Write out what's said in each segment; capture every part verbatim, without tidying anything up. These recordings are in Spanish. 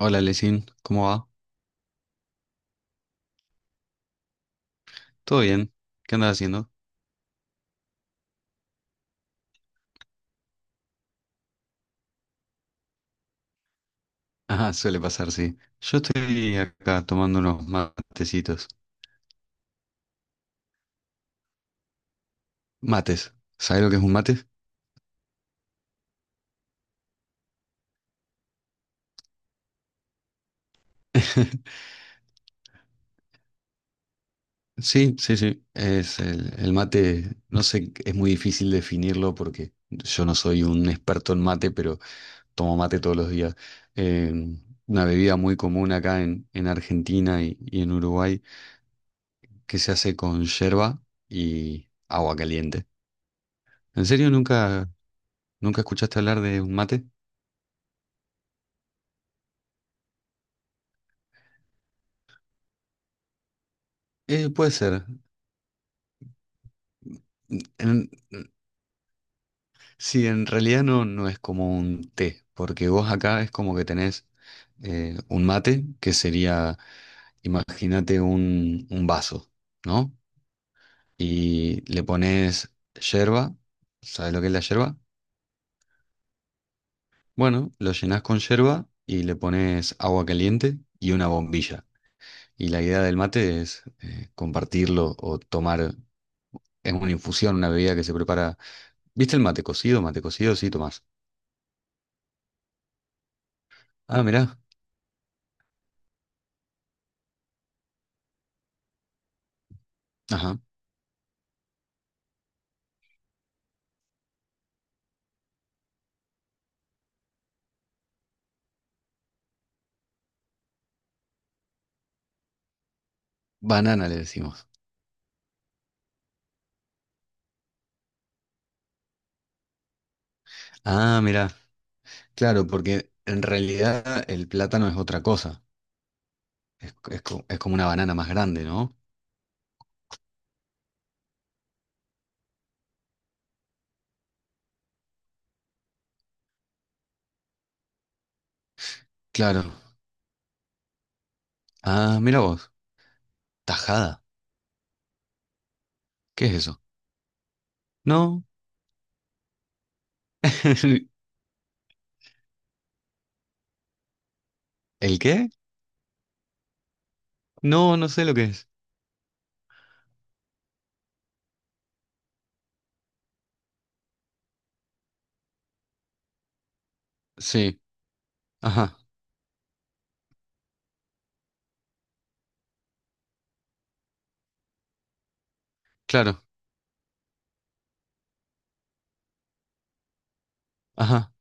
Hola, Lesin, ¿cómo va? ¿Todo bien? ¿Qué andas haciendo? Ah, suele pasar, sí. Yo estoy acá tomando unos matecitos. Mates. ¿Sabes lo que es un mate? Sí, sí, sí. Es el, el mate, no sé, es muy difícil definirlo porque yo no soy un experto en mate, pero tomo mate todos los días. Eh, una bebida muy común acá en, en Argentina y, y en Uruguay que se hace con yerba y agua caliente. ¿En serio nunca? ¿Nunca escuchaste hablar de un mate? Eh, puede ser. En- sí, en realidad no, no es como un té, porque vos acá es como que tenés eh, un mate, que sería, imagínate un, un vaso, ¿no? Y le pones yerba, ¿sabes lo que es la yerba? Bueno, lo llenás con yerba y le pones agua caliente y una bombilla. Y la idea del mate es eh, compartirlo o tomar, es una infusión, una bebida que se prepara. ¿Viste el mate cocido? Mate cocido, sí, Tomás. Ah, mirá. Ajá. Banana le decimos. Ah, mirá. Claro, porque en realidad el plátano es otra cosa. Es, es co- es como una banana más grande, ¿no? Claro. Ah, mira vos. Tajada. ¿Qué es eso? No. ¿El qué? No, no sé lo que es. Sí. Ajá. Claro. Ajá.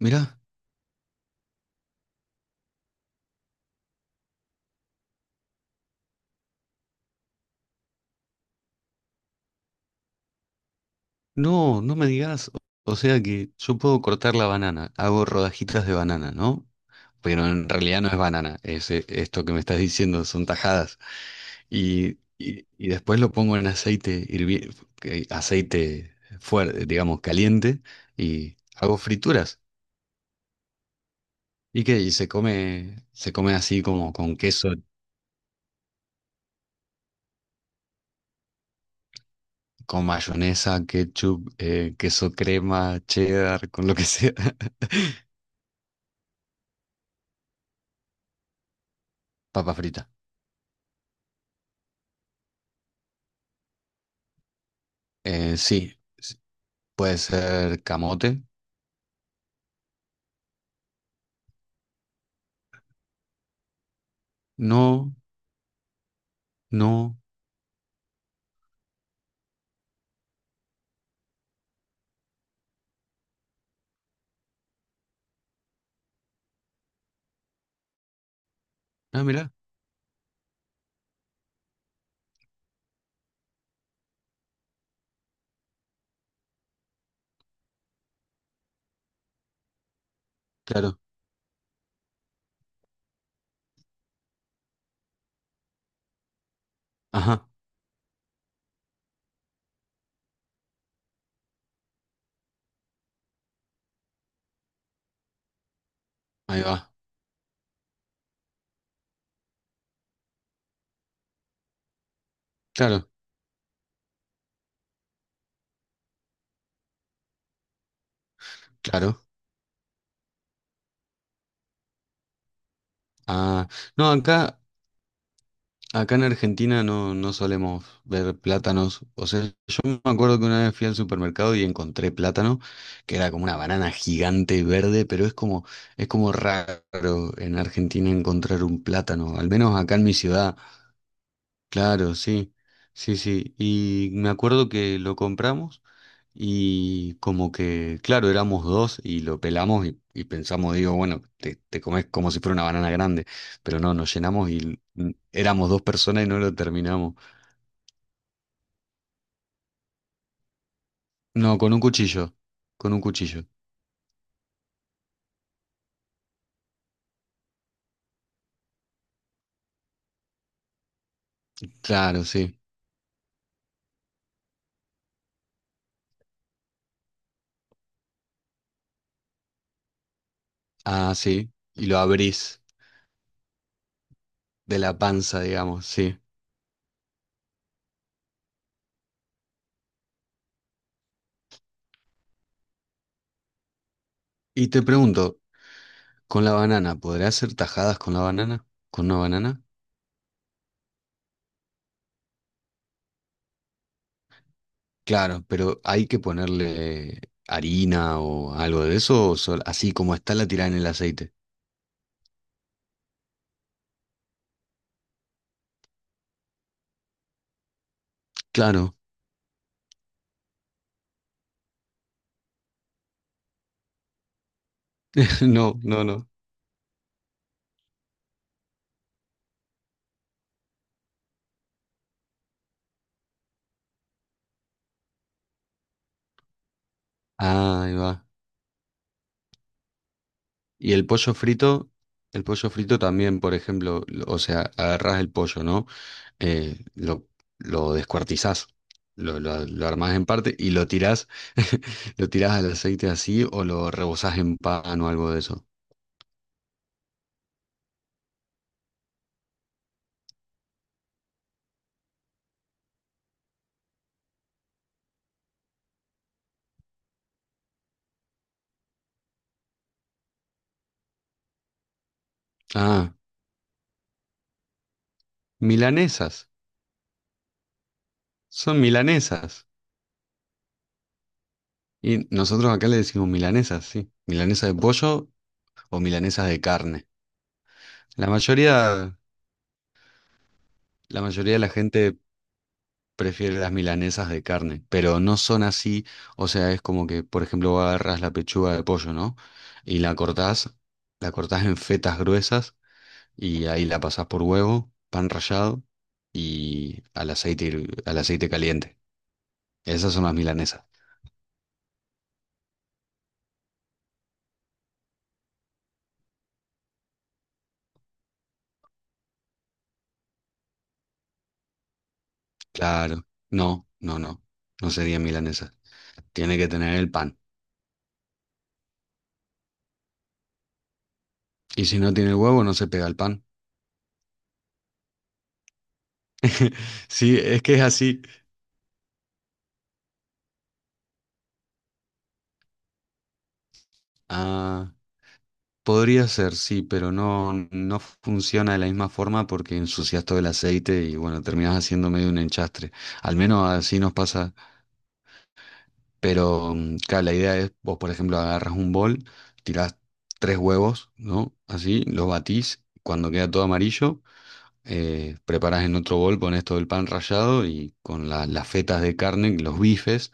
Mirá. No, no me digas, o sea que yo puedo cortar la banana, hago rodajitas de banana, ¿no? Pero en realidad no es banana, es eh, esto que me estás diciendo, son tajadas. Y, y, y después lo pongo en aceite hirvi- que- aceite fuerte, digamos, caliente, y hago frituras. ¿Y qué? Y se come, se come así como con queso, con mayonesa, ketchup, eh, queso crema, cheddar, con lo que sea. Papa frita. Eh, sí. Puede ser camote. No, no. Ah, mira, claro. Ajá, ahí va. Claro, claro. Ah, no, acá, acá en Argentina no, no solemos ver plátanos. O sea, yo me acuerdo que una vez fui al supermercado y encontré plátano, que era como una banana gigante verde, pero es como, es como raro en Argentina encontrar un plátano. Al menos acá en mi ciudad. Claro, sí, sí, sí. Y me acuerdo que lo compramos y como que, claro, éramos dos y lo pelamos y, y pensamos, digo, bueno, te, te comes como si fuera una banana grande, pero no, nos llenamos y mm, éramos dos personas y no lo terminamos. No, con un cuchillo, con un cuchillo. Claro, sí. Ah, sí. Y lo abrís de la panza, digamos, sí. Y te pregunto, ¿con la banana, podrás hacer tajadas con la banana? ¿Con una banana? Claro, pero hay que ponerle harina o algo de eso, o sol- así como está la tirada en el aceite. Claro, no, no, no. Ah, ahí va. Y el pollo frito, el pollo frito también, por ejemplo, lo- o sea, agarrás el pollo, ¿no? Eh, lo, lo descuartizás, lo, lo, lo armás en parte y lo tirás, lo tirás al aceite así o lo rebozás en pan o algo de eso. Ah, milanesas, son milanesas. Y nosotros acá le decimos milanesas, sí. Milanesa de pollo o milanesas de carne. La mayoría, la mayoría de la gente prefiere las milanesas de carne, pero no son así. O sea, es como que, por ejemplo, vos agarrás la pechuga de pollo, ¿no? Y la cortás, la cortás en fetas gruesas y ahí la pasás por huevo, pan rallado y al aceite, hirv- al aceite caliente. Esas son las milanesas. Claro. No, no, no. No sería milanesa. Tiene que tener el pan. Y si no tiene huevo, no se pega el pan. Sí, es que es así. Ah, podría ser, sí, pero no, no funciona de la misma forma porque ensucias todo el aceite y bueno, terminas haciendo medio un enchastre. Al menos así nos pasa. Pero mm, claro, la idea es, vos por ejemplo, agarras un bol, tirás tres huevos, ¿no? Así, los batís. Cuando queda todo amarillo, eh, preparás en otro bol, pones todo el pan rallado y con la- las fetas de carne, los bifes.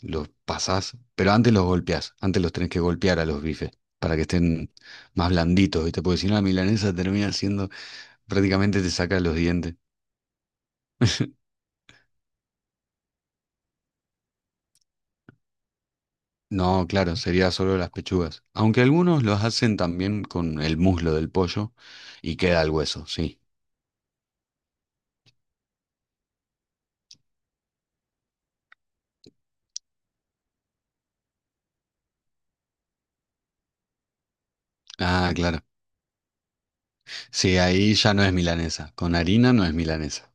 Los pasás, pero antes los golpeás, antes los tenés que golpear a los bifes para que estén más blanditos, ¿viste? Porque si no, la milanesa termina siendo, prácticamente te saca los dientes. No, claro, sería solo las pechugas. Aunque algunos los hacen también con el muslo del pollo y queda el hueso, sí. Ah, claro. Sí, ahí ya no es milanesa. Con harina no es milanesa.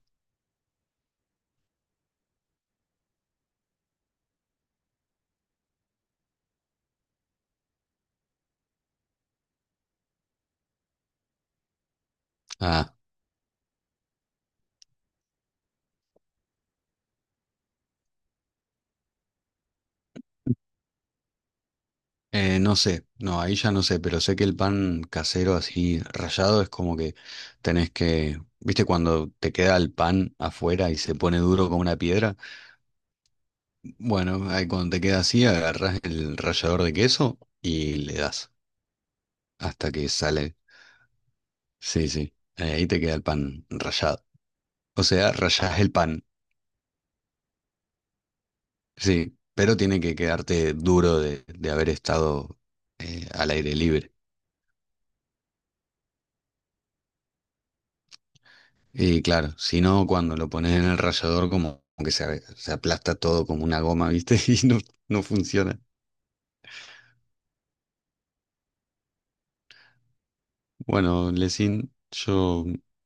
Ah, Eh, no sé, no, ahí ya no sé, pero sé que el pan casero así rallado es como que tenés que, viste, cuando te queda el pan afuera y se pone duro como una piedra, bueno, ahí cuando te queda así, agarrás el rallador de queso y le das hasta que sale. Sí, sí, eh, ahí te queda el pan rallado. O sea, rallás el pan, sí, pero tiene que quedarte duro de, de haber estado eh, al aire libre. Y claro, si no, cuando lo pones en el rallador, como que se, se aplasta todo como una goma, ¿viste? Y no, no funciona. Bueno, Lesin, yo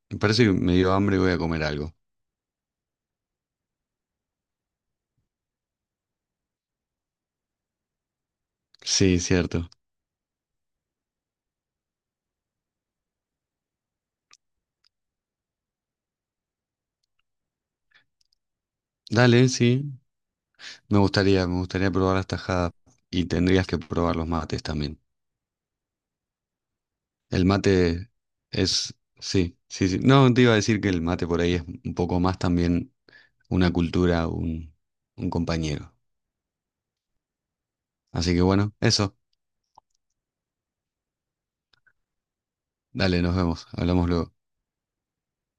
me parece que me dio hambre y voy a comer algo. Sí, cierto. Dale, sí. Me gustaría, me gustaría probar las tajadas y tendrías que probar los mates también. El mate es, sí, sí, sí. No, te iba a decir que el mate por ahí es un poco más también una cultura, un, un compañero. Así que bueno, eso. Dale, nos vemos. Hablamos luego.